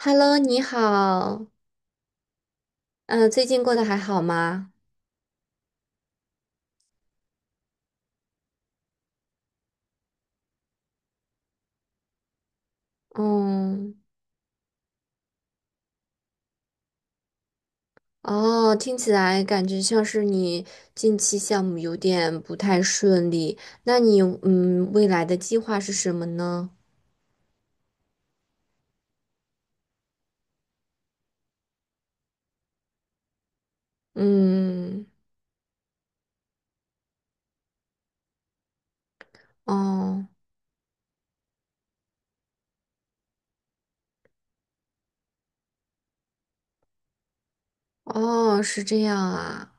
Hello，你好，嗯，最近过得还好吗？嗯，哦，听起来感觉像是你近期项目有点不太顺利，那你未来的计划是什么呢？嗯，哦，哦，是这样啊，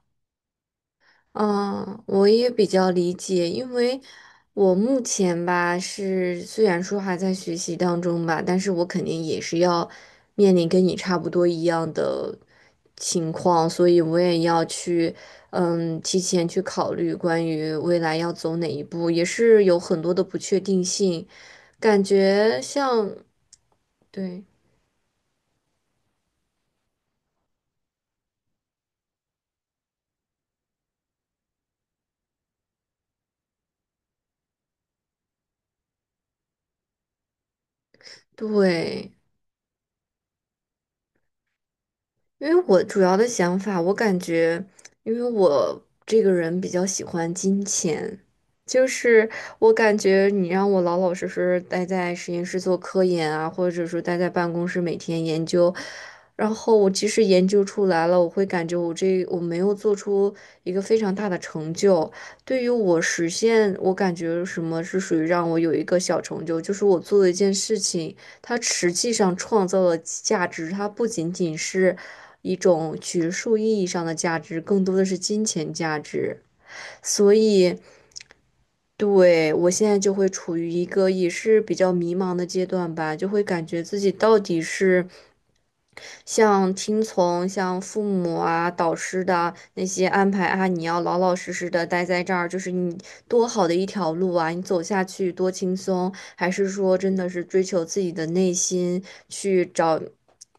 嗯，我也比较理解，因为我目前吧是虽然说还在学习当中吧，但是我肯定也是要面临跟你差不多一样的情况，所以我也要去提前去考虑关于未来要走哪一步，也是有很多的不确定性，感觉像对对。因为我主要的想法，我感觉，因为我这个人比较喜欢金钱，就是我感觉你让我老老实实待在实验室做科研啊，或者说待在办公室每天研究，然后我即使研究出来了，我会感觉我没有做出一个非常大的成就。对于我实现，我感觉什么是属于让我有一个小成就，就是我做了一件事情。它实际上创造的价值，它不仅仅是一种学术意义上的价值，更多的是金钱价值。所以，对，我现在就会处于一个也是比较迷茫的阶段吧，就会感觉自己到底是像听从像父母啊、导师的那些安排啊，你要老老实实的待在这儿，就是你多好的一条路啊，你走下去多轻松，还是说真的是追求自己的内心，去找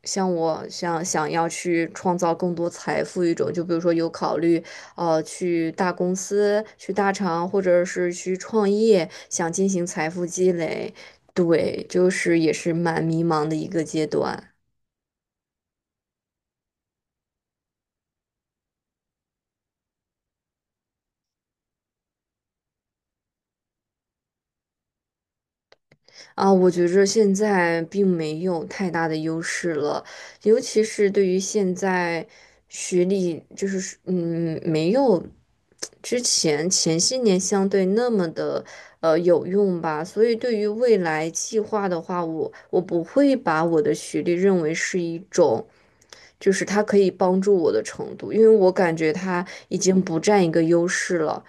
像我想要去创造更多财富一种，就比如说有考虑去大公司、去大厂，或者是去创业，想进行财富积累。对，就是也是蛮迷茫的一个阶段。啊，我觉着现在并没有太大的优势了，尤其是对于现在学历，就是嗯，没有之前前些年相对那么的有用吧。所以对于未来计划的话，我不会把我的学历认为是一种，就是它可以帮助我的程度，因为我感觉它已经不占一个优势了。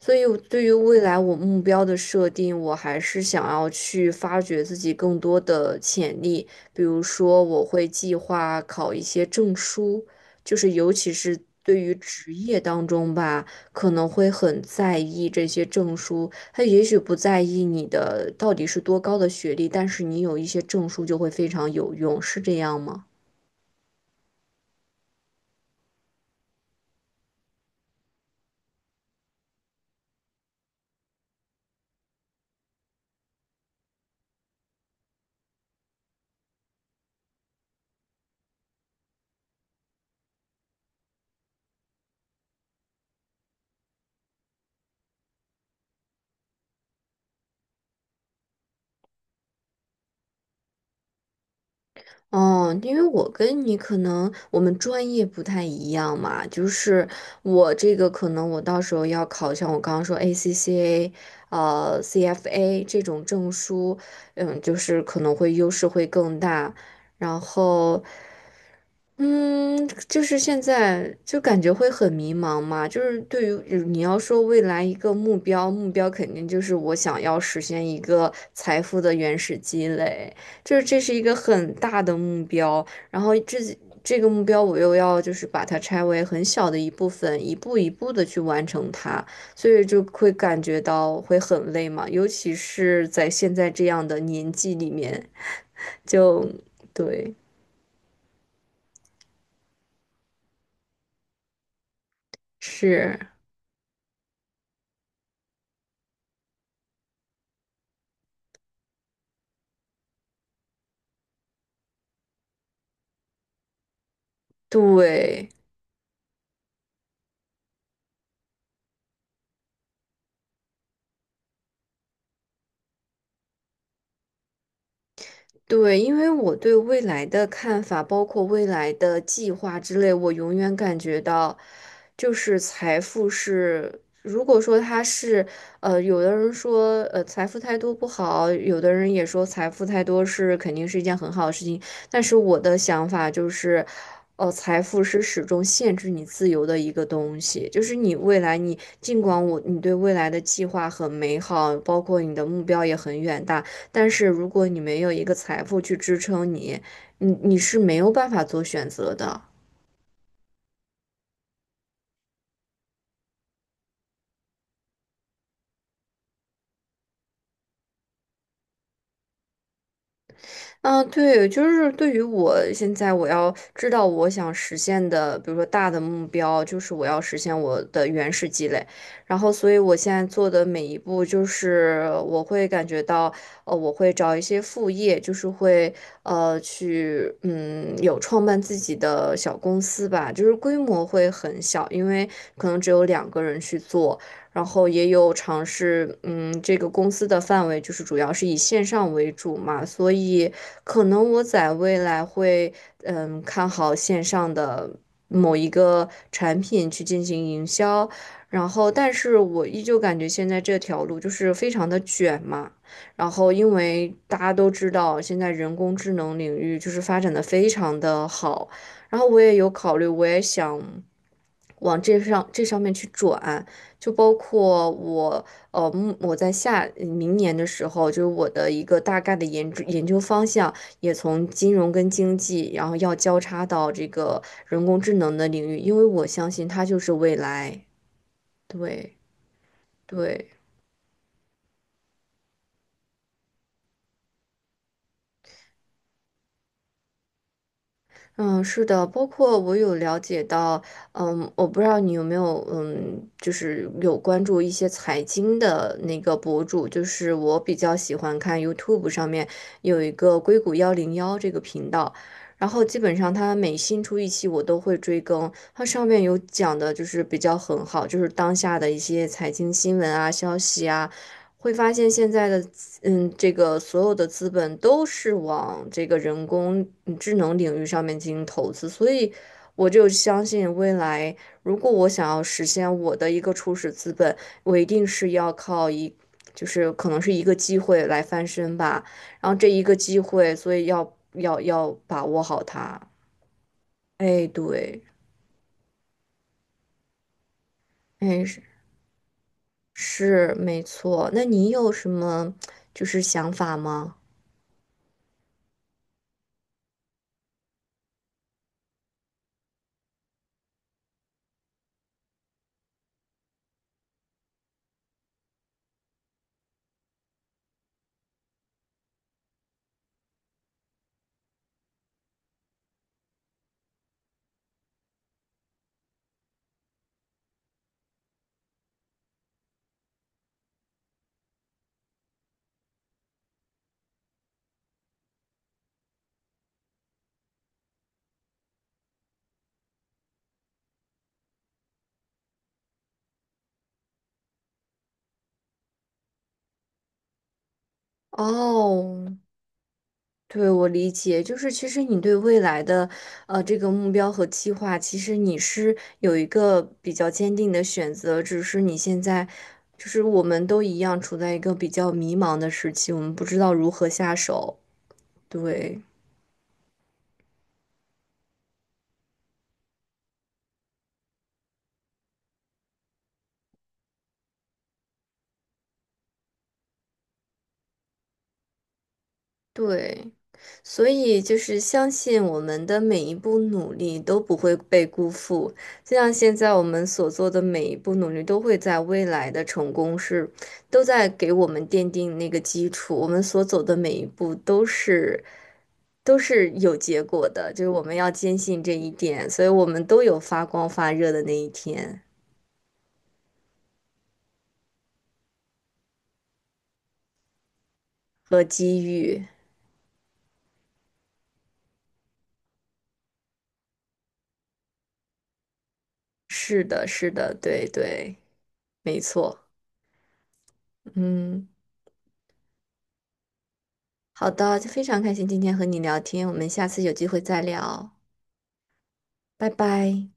所以我对于未来我目标的设定，我还是想要去发掘自己更多的潜力。比如说，我会计划考一些证书，就是尤其是对于职业当中吧，可能会很在意这些证书。他也许不在意你的到底是多高的学历，但是你有一些证书就会非常有用，是这样吗？哦，因为我跟你可能我们专业不太一样嘛，就是我这个可能我到时候要考像我刚刚说 ACCA，CFA 这种证书，嗯，就是可能会优势会更大。然后嗯，就是现在就感觉会很迷茫嘛，就是对于你要说未来一个目标，目标肯定就是我想要实现一个财富的原始积累，就是这是一个很大的目标，然后这个目标我又要就是把它拆为很小的一部分，一步一步的去完成它，所以就会感觉到会很累嘛，尤其是在现在这样的年纪里面，就对，是，对。对，因为我对未来的看法，包括未来的计划之类，我永远感觉到，就是财富是，如果说它是，有的人说，财富太多不好，有的人也说财富太多是肯定是一件很好的事情，但是我的想法就是，财富是始终限制你自由的一个东西，就是你未来你，尽管我你对未来的计划很美好，包括你的目标也很远大。但是如果你没有一个财富去支撑你，你是没有办法做选择的。嗯，对，就是对于我现在我要知道我想实现的，比如说大的目标，就是我要实现我的原始积累。然后，所以我现在做的每一步，就是我会感觉到，我会找一些副业，就是会去有创办自己的小公司吧，就是规模会很小，因为可能只有两个人去做。然后也有尝试，嗯，这个公司的范围就是主要是以线上为主嘛，所以可能我在未来会，嗯，看好线上的某一个产品去进行营销，然后但是我依旧感觉现在这条路就是非常的卷嘛，然后因为大家都知道现在人工智能领域就是发展的非常的好，然后我也有考虑，我也想。往这上面去转，就包括我，目我在下嗯明年的时候，就是我的一个大概的研究方向，也从金融跟经济，然后要交叉到这个人工智能的领域，因为我相信它就是未来。对对。嗯，是的，包括我有了解到，嗯，我不知道你有没有，嗯，就是有关注一些财经的那个博主，就是我比较喜欢看 YouTube 上面有一个硅谷幺零幺这个频道，然后基本上它每新出一期我都会追更，它上面有讲的就是比较很好，就是当下的一些财经新闻啊、消息啊。会发现现在的资嗯，这个所有的资本都是往这个人工智能领域上面进行投资，所以我就相信未来，如果我想要实现我的一个初始资本，我一定是要靠一，就是可能是一个机会来翻身吧，然后这一个机会，所以要把握好它。哎，对，哎，是是没错。那你有什么就是想法吗？哦。对，我理解，就是其实你对未来的，这个目标和计划，其实你是有一个比较坚定的选择，只是你现在，就是我们都一样处在一个比较迷茫的时期，我们不知道如何下手。对。对，所以就是相信我们的每一步努力都不会被辜负，就像现在我们所做的每一步努力，都会在未来的成功是，都在给我们奠定那个基础，我们所走的每一步都是有结果的，就是我们要坚信这一点，所以我们都有发光发热的那一天和机遇。是的，是的，对对，没错，嗯。好的，非常开心今天和你聊天，我们下次有机会再聊，拜拜。